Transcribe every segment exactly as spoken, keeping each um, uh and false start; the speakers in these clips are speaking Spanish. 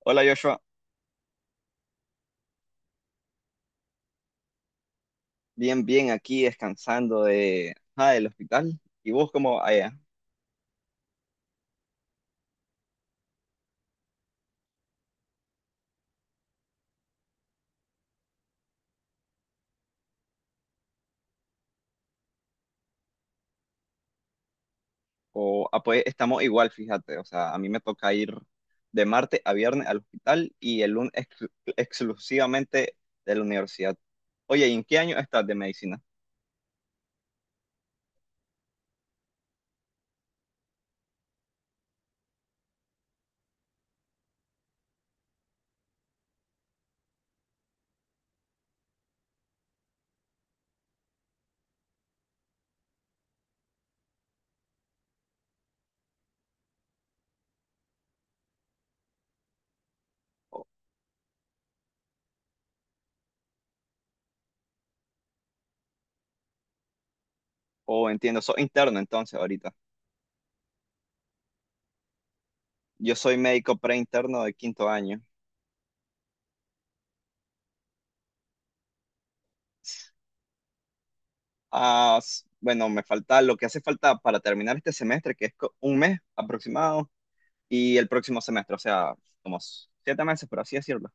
Hola Joshua, bien, bien, aquí descansando de, ah, del hospital. ¿Y vos cómo allá? O, ah, pues estamos igual, fíjate, o sea, a mí me toca ir de martes a viernes al hospital y el lunes exclu- exclusivamente de la universidad. Oye, ¿y en qué año estás de medicina? O, o entiendo, sos interno entonces ahorita. Yo soy médico preinterno de quinto año. Ah, s- bueno, me falta lo que hace falta para terminar este semestre, que es co- un mes aproximado y el próximo semestre, o sea, como s- siete meses, por así decirlo.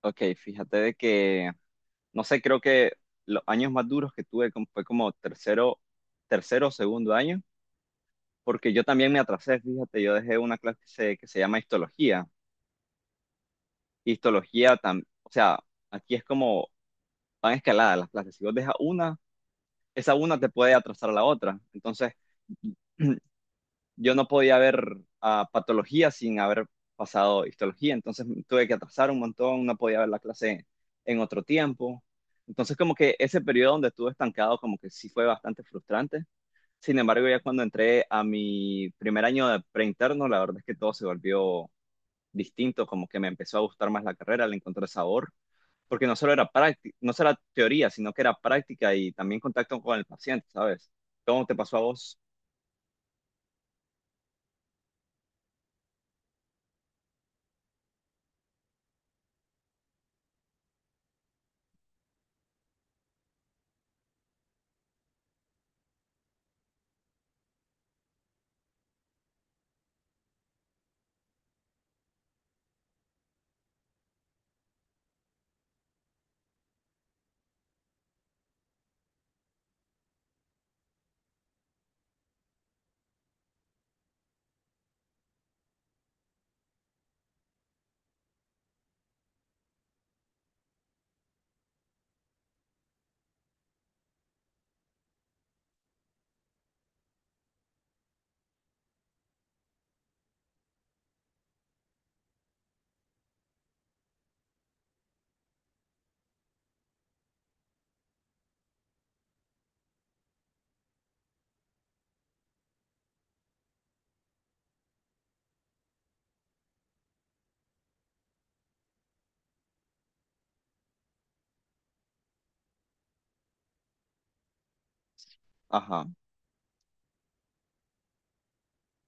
Ok, fíjate de que, no sé, creo que los años más duros que tuve como- fue como tercero, tercero o segundo año, porque yo también me atrasé, fíjate, yo dejé una clase que se, que se llama histología. Histología, tam- o sea, aquí es como van escaladas las clases. Si vos dejas una, esa una te puede atrasar a la otra. Entonces, yo no podía ver a patología sin haber pasado histología, entonces tuve que atrasar un montón, no podía ver la clase en otro tiempo. Entonces como que ese periodo donde estuve estancado como que sí fue bastante frustrante. Sin embargo, ya cuando entré a mi primer año de preinterno, la verdad es que todo se volvió distinto, como que me empezó a gustar más la carrera, le encontré sabor, porque no solo era práctica, no solo era teoría, sino que era práctica y también contacto con el paciente, ¿sabes? ¿Cómo te pasó a vos? Ajá.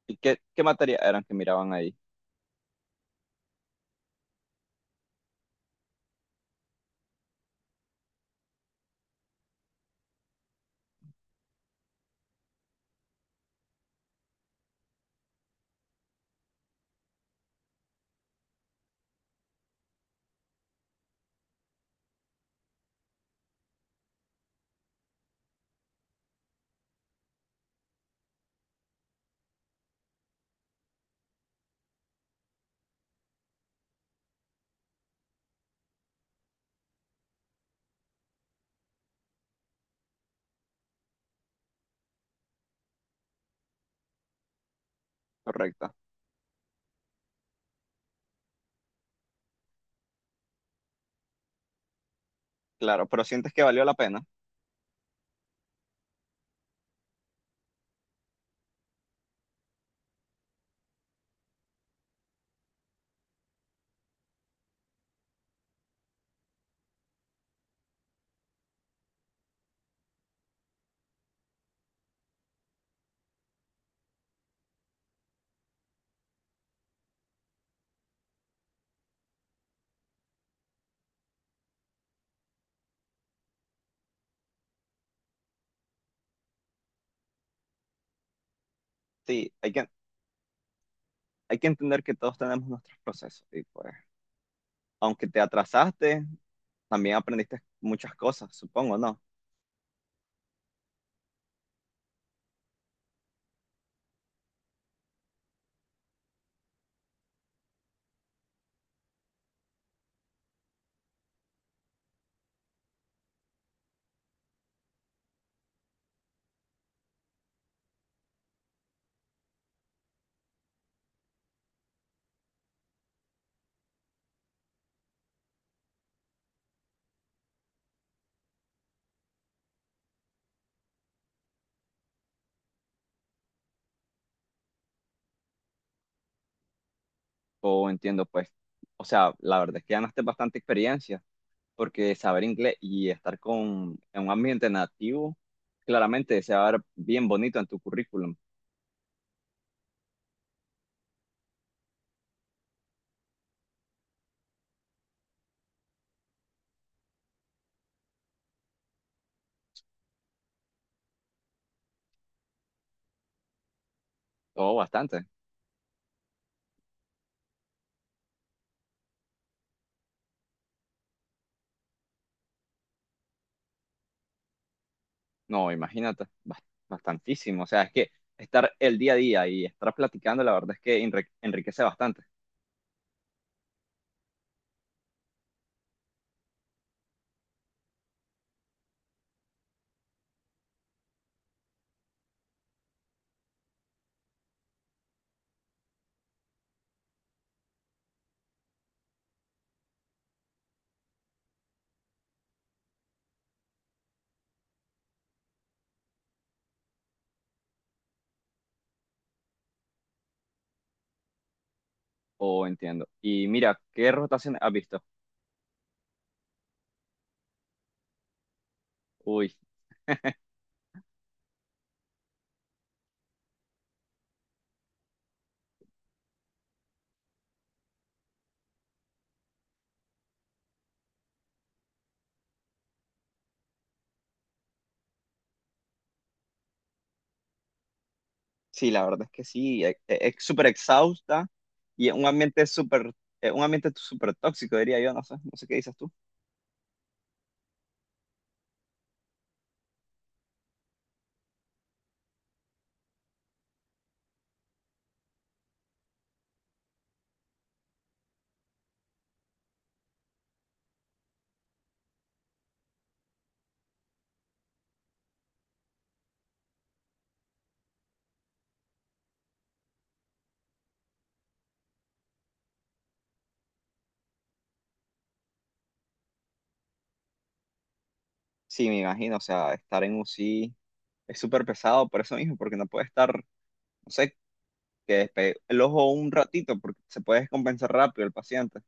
¿Y qué, qué materias eran que miraban ahí? Correcto. Claro, pero sientes que valió la pena. Sí, hay que, hay que entender que todos tenemos nuestros procesos. Y pues, aunque te atrasaste, también aprendiste muchas cosas, supongo, ¿no? O entiendo, pues. O sea, la verdad es que ganaste bastante experiencia, porque saber inglés y estar con, en un ambiente nativo, claramente se va a ver bien bonito en tu currículum. Todo bastante. No, imagínate, bas- bastantísimo. O sea, es que estar el día a día y estar platicando, la verdad es que enrique- enriquece bastante. Oh, entiendo. Y mira, ¿qué rotación has visto? Uy, sí, la verdad es que sí, e- e- es súper exhausta y es un ambiente súper, es un ambiente súper tóxico, diría yo, no sé, no sé qué dices tú. Sí, me imagino, o sea, estar en U C I es súper pesado por eso mismo, porque no puede estar, no sé, que despegue el ojo un ratito, porque se puede descompensar rápido el paciente.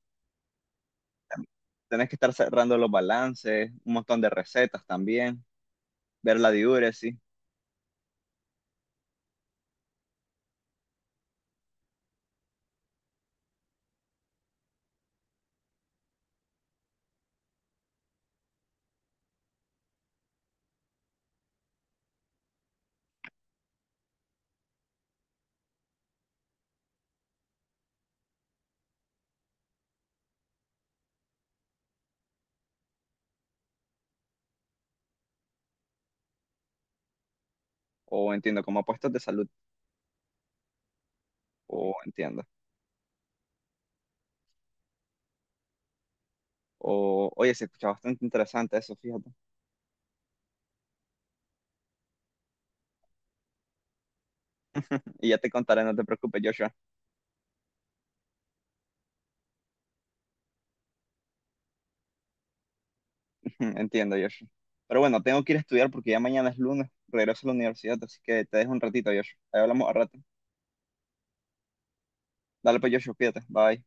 Tenés que estar cerrando los balances, un montón de recetas también, ver la diuresis, o entiendo, como puestos de salud, o entiendo. O, oye, se escucha bastante interesante eso, fíjate. Y ya te contaré, no te preocupes, Joshua. Entiendo, Joshua. Pero bueno, tengo que ir a estudiar porque ya mañana es lunes, regreso a la universidad, así que te dejo un ratito, Joshua. Ahí hablamos al rato. Dale pues, Joshua, cuídate. Bye.